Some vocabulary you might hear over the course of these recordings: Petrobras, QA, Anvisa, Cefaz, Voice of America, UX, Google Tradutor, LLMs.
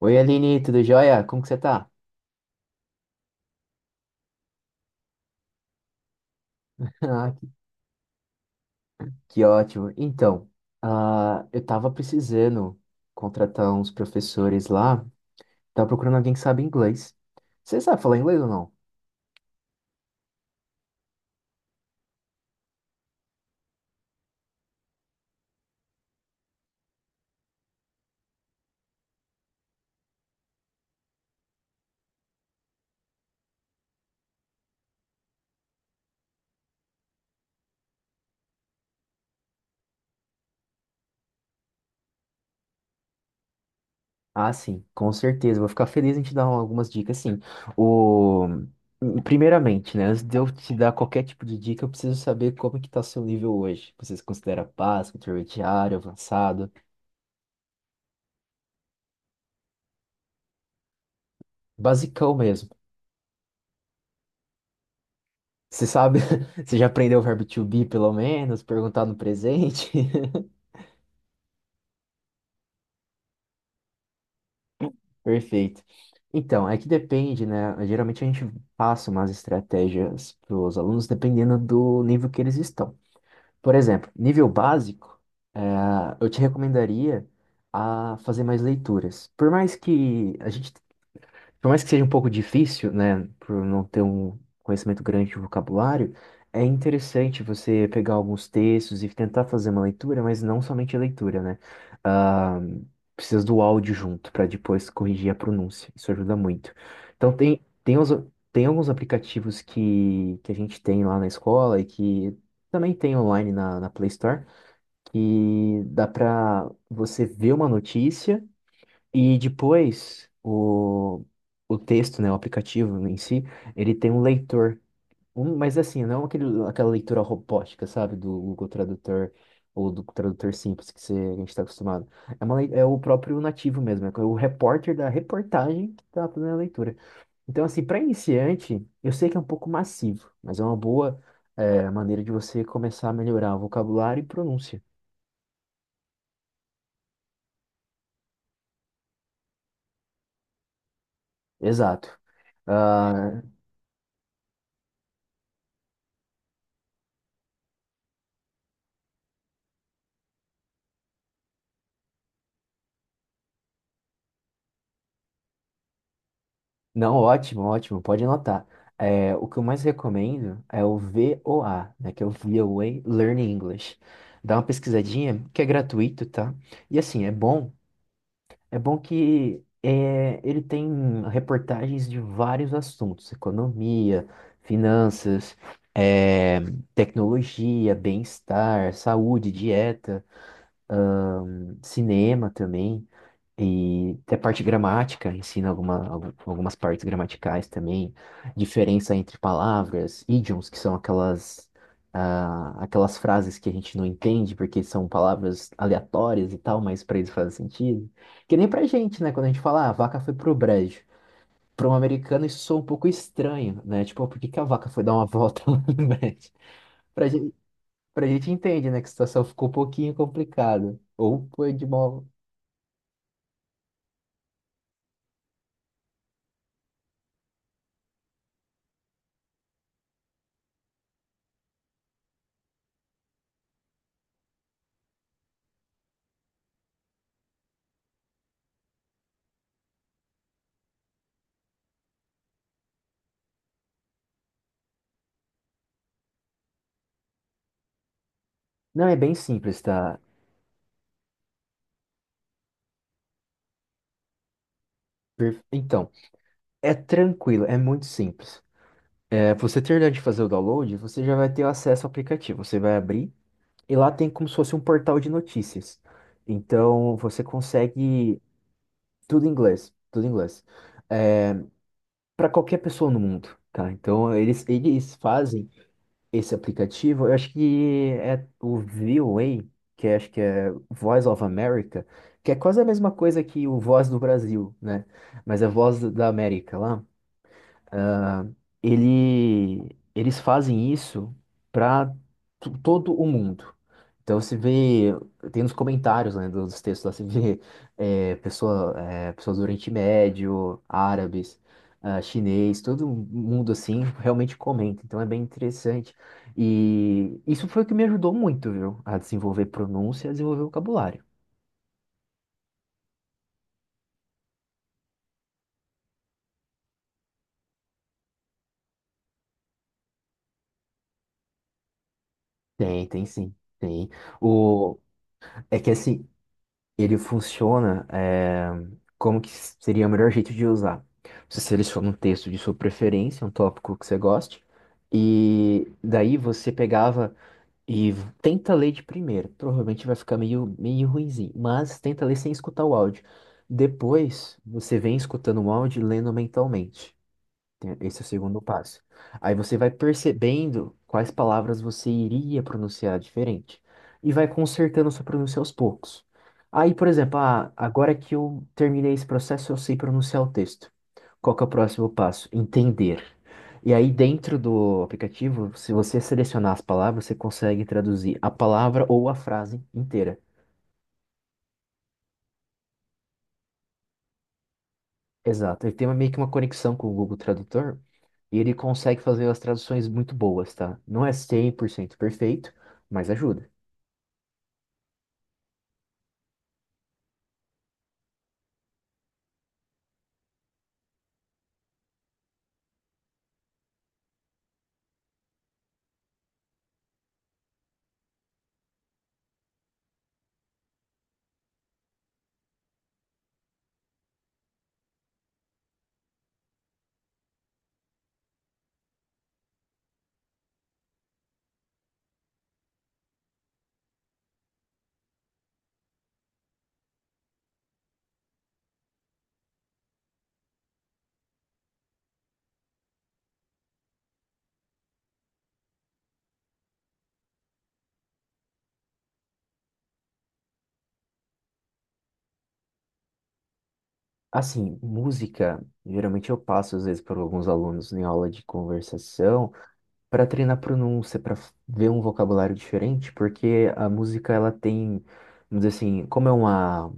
Oi, Aline, tudo jóia? Como que você tá? Ah, que ótimo. Então, eu tava precisando contratar uns professores lá, tava procurando alguém que sabe inglês. Você sabe falar inglês ou não? Ah, sim, com certeza. Vou ficar feliz em te dar algumas dicas, sim. O... Primeiramente, né, antes de eu te dar qualquer tipo de dica, eu preciso saber como é que tá seu nível hoje. Você se considera básico, intermediário, avançado? Basicão mesmo. Você sabe, você já aprendeu o verbo to be, pelo menos, perguntar no presente? Perfeito. Então, é que depende, né? Geralmente a gente passa umas estratégias para os alunos dependendo do nível que eles estão. Por exemplo, nível básico, eh, eu te recomendaria a fazer mais leituras. Por mais que seja um pouco difícil, né, por não ter um conhecimento grande de vocabulário, é interessante você pegar alguns textos e tentar fazer uma leitura, mas não somente a leitura, né? Ah, precisa do áudio junto para depois corrigir a pronúncia. Isso ajuda muito. Então tem alguns aplicativos que a gente tem lá na escola e que também tem online na, na Play Store, que dá para você ver uma notícia e depois, o texto, né, o aplicativo em si, ele tem um leitor. Mas assim, não aquela leitura robótica, sabe, do Google Tradutor ou do tradutor simples que a gente está acostumado. É, é o próprio nativo mesmo, é o repórter da reportagem que está fazendo a leitura. Então, assim, para iniciante, eu sei que é um pouco massivo, mas é uma boa, maneira de você começar a melhorar o vocabulário e pronúncia. Exato. Ah, não, ótimo, ótimo, pode anotar. É, o que eu mais recomendo é o VOA, né, que é o VOA Learn English. Dá uma pesquisadinha, que é gratuito, tá? E assim, é bom que é, ele tem reportagens de vários assuntos, economia, finanças, é, tecnologia, bem-estar, saúde, dieta, cinema também. E até parte gramática, ensina algumas partes gramaticais também, diferença entre palavras, idioms, que são aquelas frases que a gente não entende porque são palavras aleatórias e tal, mas para eles fazem sentido. Que nem pra gente, né? Quando a gente fala, ah, a vaca foi pro brejo. Para um americano isso soa um pouco estranho, né? Tipo, "Ah, por que que a vaca foi dar uma volta lá no brejo? Pra gente, pra gente entende, né? Que a situação ficou um pouquinho complicada. Ou foi de mal. Não, é bem simples, tá? Então. É tranquilo, é muito simples. Você terminar de fazer o download, você já vai ter acesso ao aplicativo. Você vai abrir e lá tem como se fosse um portal de notícias. Então você consegue tudo em inglês, tudo em inglês. É, para qualquer pessoa no mundo, tá? Então eles fazem esse aplicativo. Eu acho que é o VOA, acho que é Voice of America, que é quase a mesma coisa que o Voz do Brasil, né? Mas é Voz da América lá. Ah, eles fazem isso para todo o mundo. Então se vê, tem nos comentários, né, dos textos lá, se vê pessoas do Oriente Médio, árabes, chinês, todo mundo assim realmente comenta. Então é bem interessante. E isso foi o que me ajudou muito, viu? A desenvolver pronúncia, a desenvolver vocabulário. Tem, tem sim. Tem. O, É que assim, ele funciona como que seria o melhor jeito de usar. Você seleciona um texto de sua preferência, um tópico que você goste, e daí você pegava tenta ler de primeira. Provavelmente vai ficar meio, meio ruinzinho, mas tenta ler sem escutar o áudio. Depois, você vem escutando o áudio e lendo mentalmente. Esse é o segundo passo. Aí você vai percebendo quais palavras você iria pronunciar diferente e vai consertando sua pronúncia aos poucos. Aí, por exemplo, agora que eu terminei esse processo, eu sei pronunciar o texto. Qual que é o próximo passo? Entender. E aí, dentro do aplicativo, se você selecionar as palavras, você consegue traduzir a palavra ou a frase inteira. Exato. Ele tem meio que uma conexão com o Google Tradutor, e ele consegue fazer as traduções muito boas, tá? Não é 100% perfeito, mas ajuda. Assim, música, geralmente eu passo às vezes para alguns alunos em aula de conversação para treinar pronúncia, para ver um vocabulário diferente, porque a música ela tem, vamos dizer assim, como é uma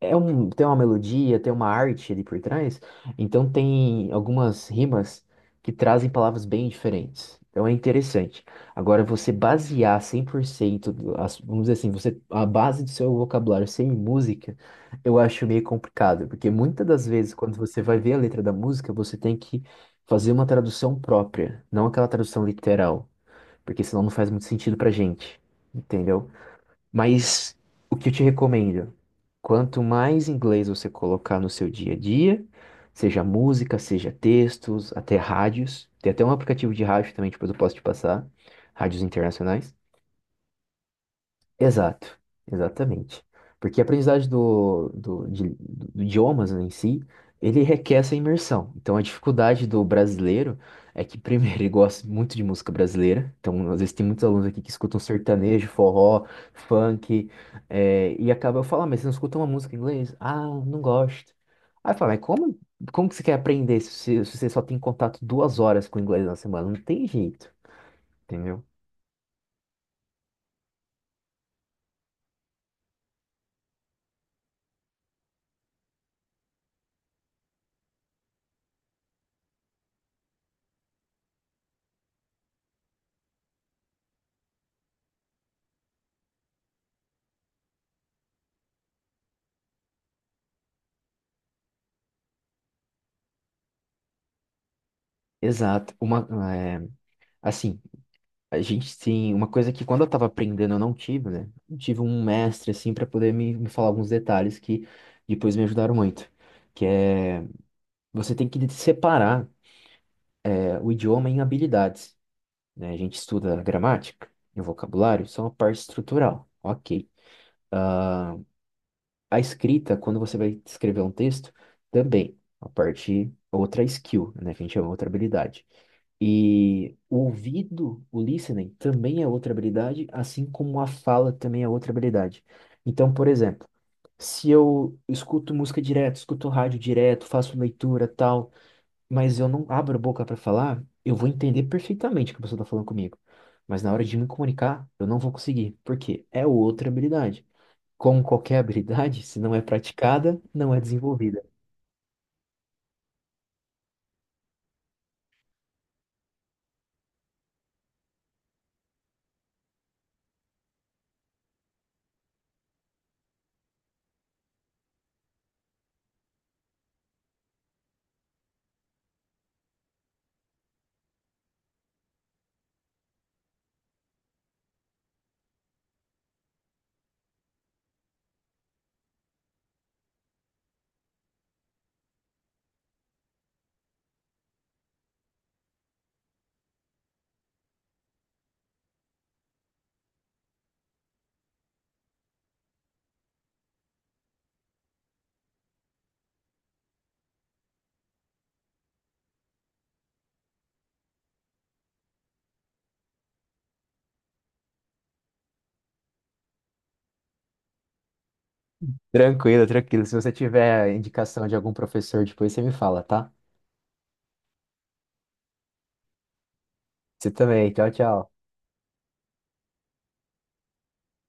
É um, tem uma melodia, tem uma arte ali por trás, então tem algumas rimas que trazem palavras bem diferentes. Então é interessante. Agora, você basear 100%, vamos dizer assim, a base do seu vocabulário ser em música, eu acho meio complicado, porque muitas das vezes, quando você vai ver a letra da música, você tem que fazer uma tradução própria, não aquela tradução literal, porque senão não faz muito sentido pra gente, entendeu? Mas o que eu te recomendo? Quanto mais inglês você colocar no seu dia a dia, seja música, seja textos, até rádios. Tem até um aplicativo de rádio também, depois eu posso te passar, rádios internacionais. Exato, exatamente. Porque a aprendizagem do idiomas em si, ele requer essa imersão. Então a dificuldade do brasileiro é que, primeiro, ele gosta muito de música brasileira. Então, às vezes, tem muitos alunos aqui que escutam sertanejo, forró, funk, e acaba eu falar mas você não escuta uma música em inglês? Ah, não gosto. Aí fala, mas como que você quer aprender se você só tem contato 2 horas com o inglês na semana? Não tem jeito, entendeu? Exato. Uma, é, assim. A gente tem uma coisa que quando eu estava aprendendo eu não tive, né? Eu tive um mestre assim para poder me falar alguns detalhes que depois me ajudaram muito, que é você tem que separar o idioma em habilidades, né? A gente estuda gramática e vocabulário, são a parte estrutural. OK. A escrita, quando você vai escrever um texto, também, outra skill, né, que a gente chama outra habilidade. E o ouvido, o listening, também é outra habilidade, assim como a fala também é outra habilidade. Então, por exemplo, se eu escuto música direto, escuto rádio direto, faço leitura, tal, mas eu não abro a boca para falar, eu vou entender perfeitamente o que a pessoa está falando comigo. Mas na hora de me comunicar, eu não vou conseguir, porque é outra habilidade. Como qualquer habilidade, se não é praticada, não é desenvolvida. Tranquilo, tranquilo. Se você tiver indicação de algum professor depois, você me fala, tá? Você também. Tchau, tchau.